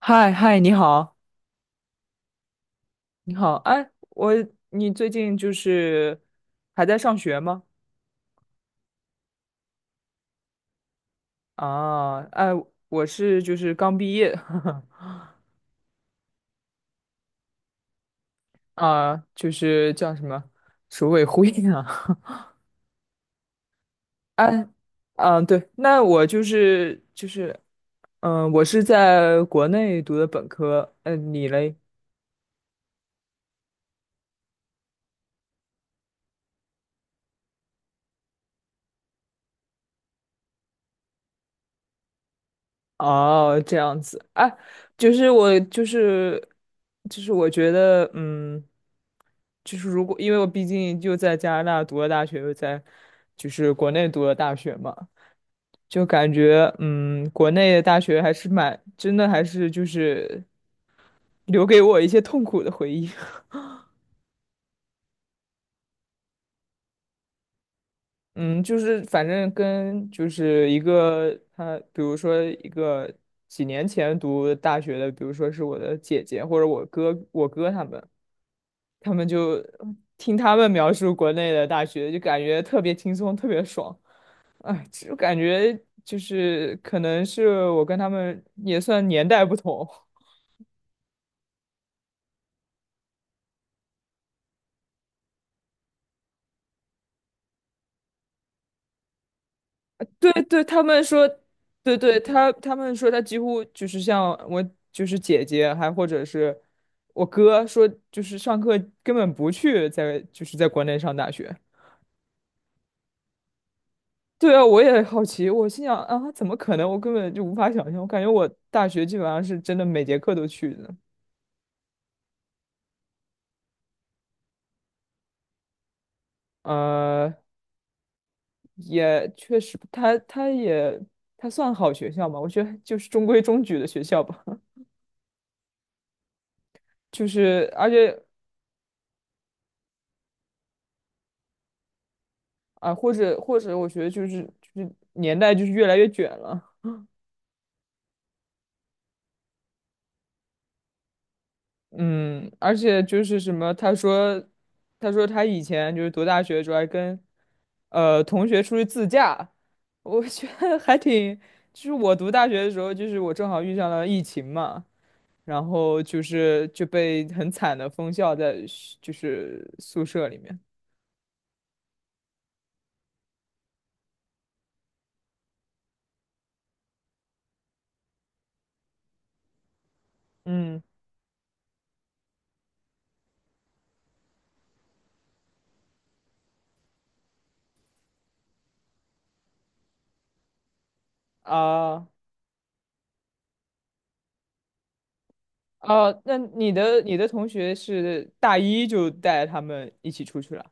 嗨嗨，你好，你好，哎，你最近就是还在上学吗？啊，哎，我是就是刚毕业。啊，就是叫什么组委会啊。哎，嗯，对，那我就是，嗯、我是在国内读的本科。嗯、你嘞？哦，这样子啊，就是我就是我觉得，嗯，就是如果因为我毕竟就在加拿大读了大学，又在就是国内读了大学嘛，就感觉嗯，国内的大学还是蛮真的，还是就是留给我一些痛苦的回忆。嗯，就是反正跟就是一个他，比如说一个几年前读大学的，比如说是我的姐姐或者我哥他们。他们就听他们描述国内的大学，就感觉特别轻松，特别爽。哎，就感觉就是可能是我跟他们也算年代不同。对对，他们说，对对，他们说他几乎就是像我就是姐姐，还或者是我哥说，就是上课根本不去在就是在国内上大学。对啊，我也好奇，我心想啊，怎么可能？我根本就无法想象，我感觉我大学基本上是真的每节课都去的。呃，也确实，他算好学校嘛，我觉得就是中规中矩的学校吧。就是而且啊、或者我觉得就是年代就是越来越卷了。嗯，而且就是什么，他说他以前就是读大学的时候还跟同学出去自驾，我觉得还挺，就是我读大学的时候，就是我正好遇上了疫情嘛。然后就被很惨的封校在学就是宿舍里面。嗯。啊啊，那你的同学是大一就带他们一起出去了。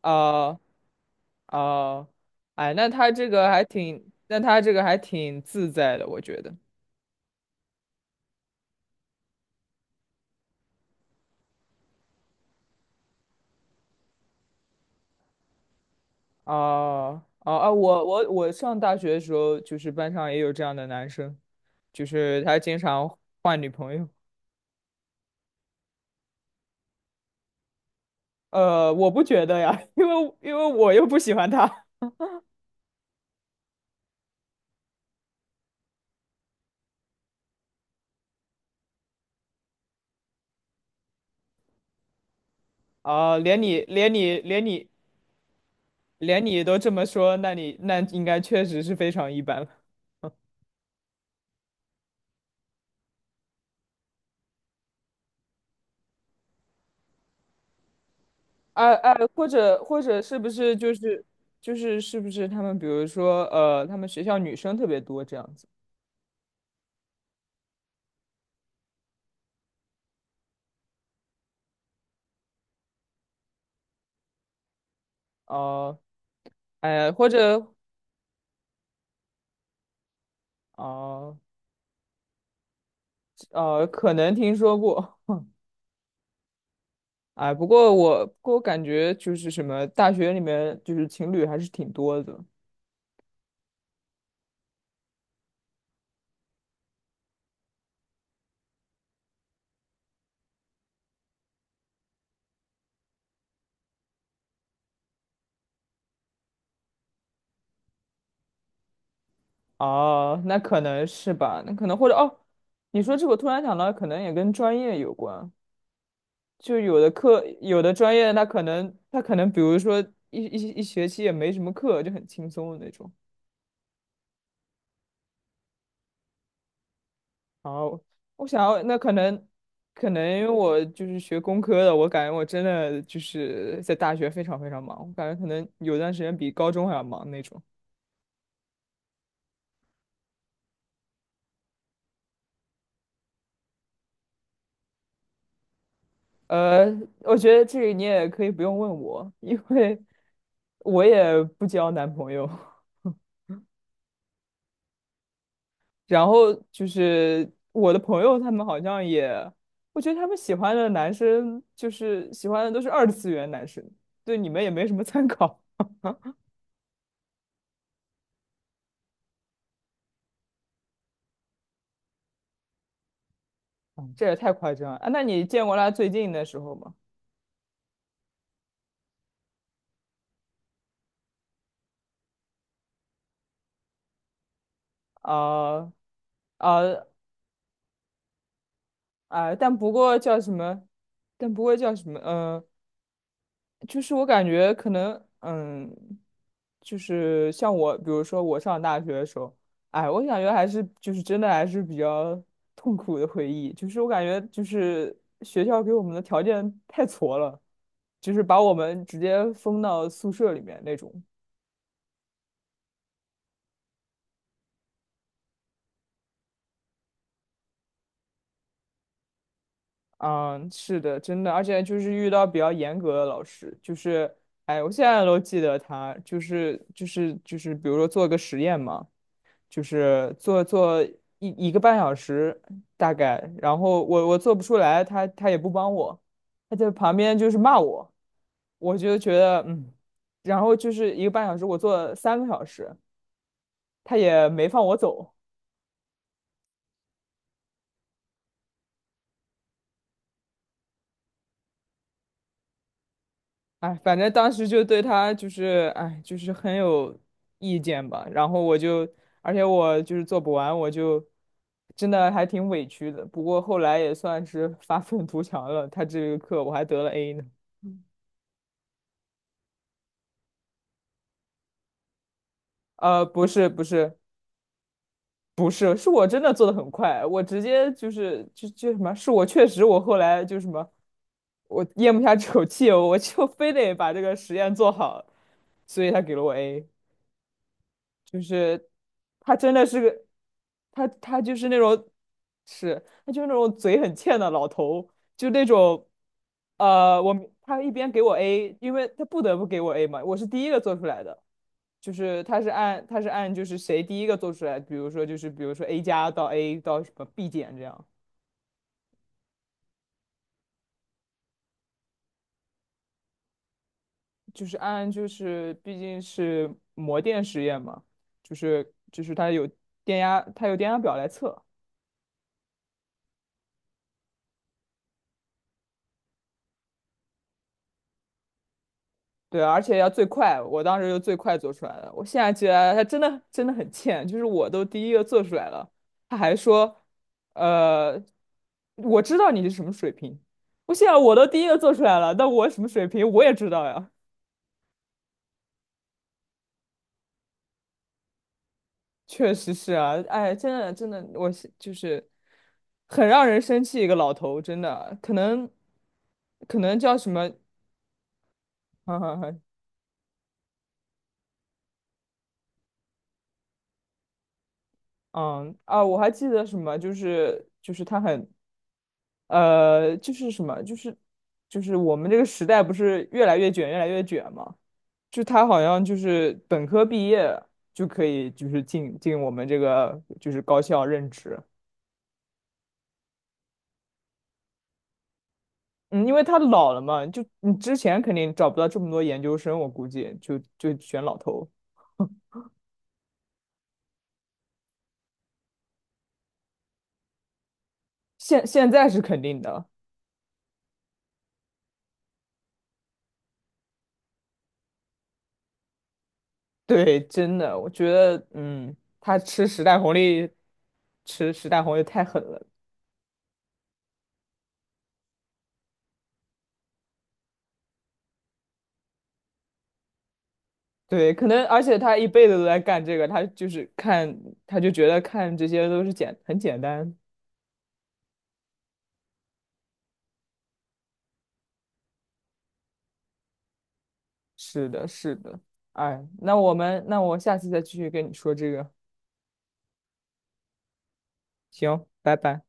啊啊，哎，那他这个还挺自在的，我觉得。啊啊啊！我上大学的时候，就是班上也有这样的男生，就是他经常换女朋友。我不觉得呀，因为我又不喜欢他。啊、连你都这么说，那你那应该确实是非常一般了。哎哎，或者是不是他们比如说他们学校女生特别多这样子？哦、哎，或者哦可能听说过。哎，不过我感觉就是什么大学里面就是情侣还是挺多的。哦，那可能是吧，那可能或者哦，你说这个我突然想到，可能也跟专业有关。就有的课，有的专业，他可能，比如说一学期也没什么课，就很轻松的那种。然后我想要那可能因为我就是学工科的，我感觉我真的就是在大学非常非常忙，我感觉可能有段时间比高中还要忙那种。呃，我觉得这个你也可以不用问我，因为我也不交男朋友。然后就是我的朋友他们好像也，我觉得他们喜欢的男生就是喜欢的都是二次元男生，对你们也没什么参考。嗯。 这也太夸张了啊！那你见过他最近的时候吗？啊啊啊！但不过叫什么？嗯、就是我感觉可能，嗯，就是像我，比如说我上大学的时候，哎，我感觉还是就是真的还是比较 痛苦的回忆。就是我感觉就是学校给我们的条件太挫了，就是把我们直接封到宿舍里面那种。嗯，是的，真的，而且就是遇到比较严格的老师，就是，哎，我现在都记得他，就是，比如说做个实验嘛。就是做一个半小时大概，然后我做不出来，他也不帮我，他在旁边就是骂我，我就觉得嗯，然后就是一个半小时，我做了3个小时，他也没放我走，哎，反正当时就对他就是哎就是很有意见吧，然后而且我就是做不完，我就。真的还挺委屈的，不过后来也算是发愤图强了。他这个课我还得了 A 呢。不是不是不是，是我真的做的很快，我直接就什么，是我确实我后来就什么，我咽不下 这口气，我就非得把这个实验做好，所以他给了我 A。他真的是个，他就是那种，是他就是那种嘴很欠的老头，就那种，我明他一边给我 A，因为他不得不给我 A 嘛，我是第一个做出来的，就是他是按就是谁第一个做出来，比如说 A 加到 A 到什么 B 减这样，就是按就是毕竟是模电实验嘛，就是他有电压，他有电压表来测。对啊，而且要最快，我当时就最快做出来了。我现在觉得他真的真的很欠，就是我都第一个做出来了，他还说，呃，我知道你是什么水平。我现在我都第一个做出来了，那我什么水平我也知道呀。确实是啊，哎，真的真的，我是就是很让人生气一个老头，真的，可能叫什么，嗯嗯啊，我还记得什么，就是他很就是什么，就是我们这个时代不是越来越卷，越来越卷嘛？就他好像就是本科毕业就可以，就是进我们这个就是高校任职。嗯，因为他老了嘛，就你之前肯定找不到这么多研究生，我估计就选老头。现在是肯定的，对，真的，我觉得，嗯，他吃时代红利，吃时代红利太狠了。对，可能而且他一辈子都在干这个，他就是看，他就觉得看这些都是简单。是的，是的。哎，那我下次再继续跟你说这个。行，拜拜。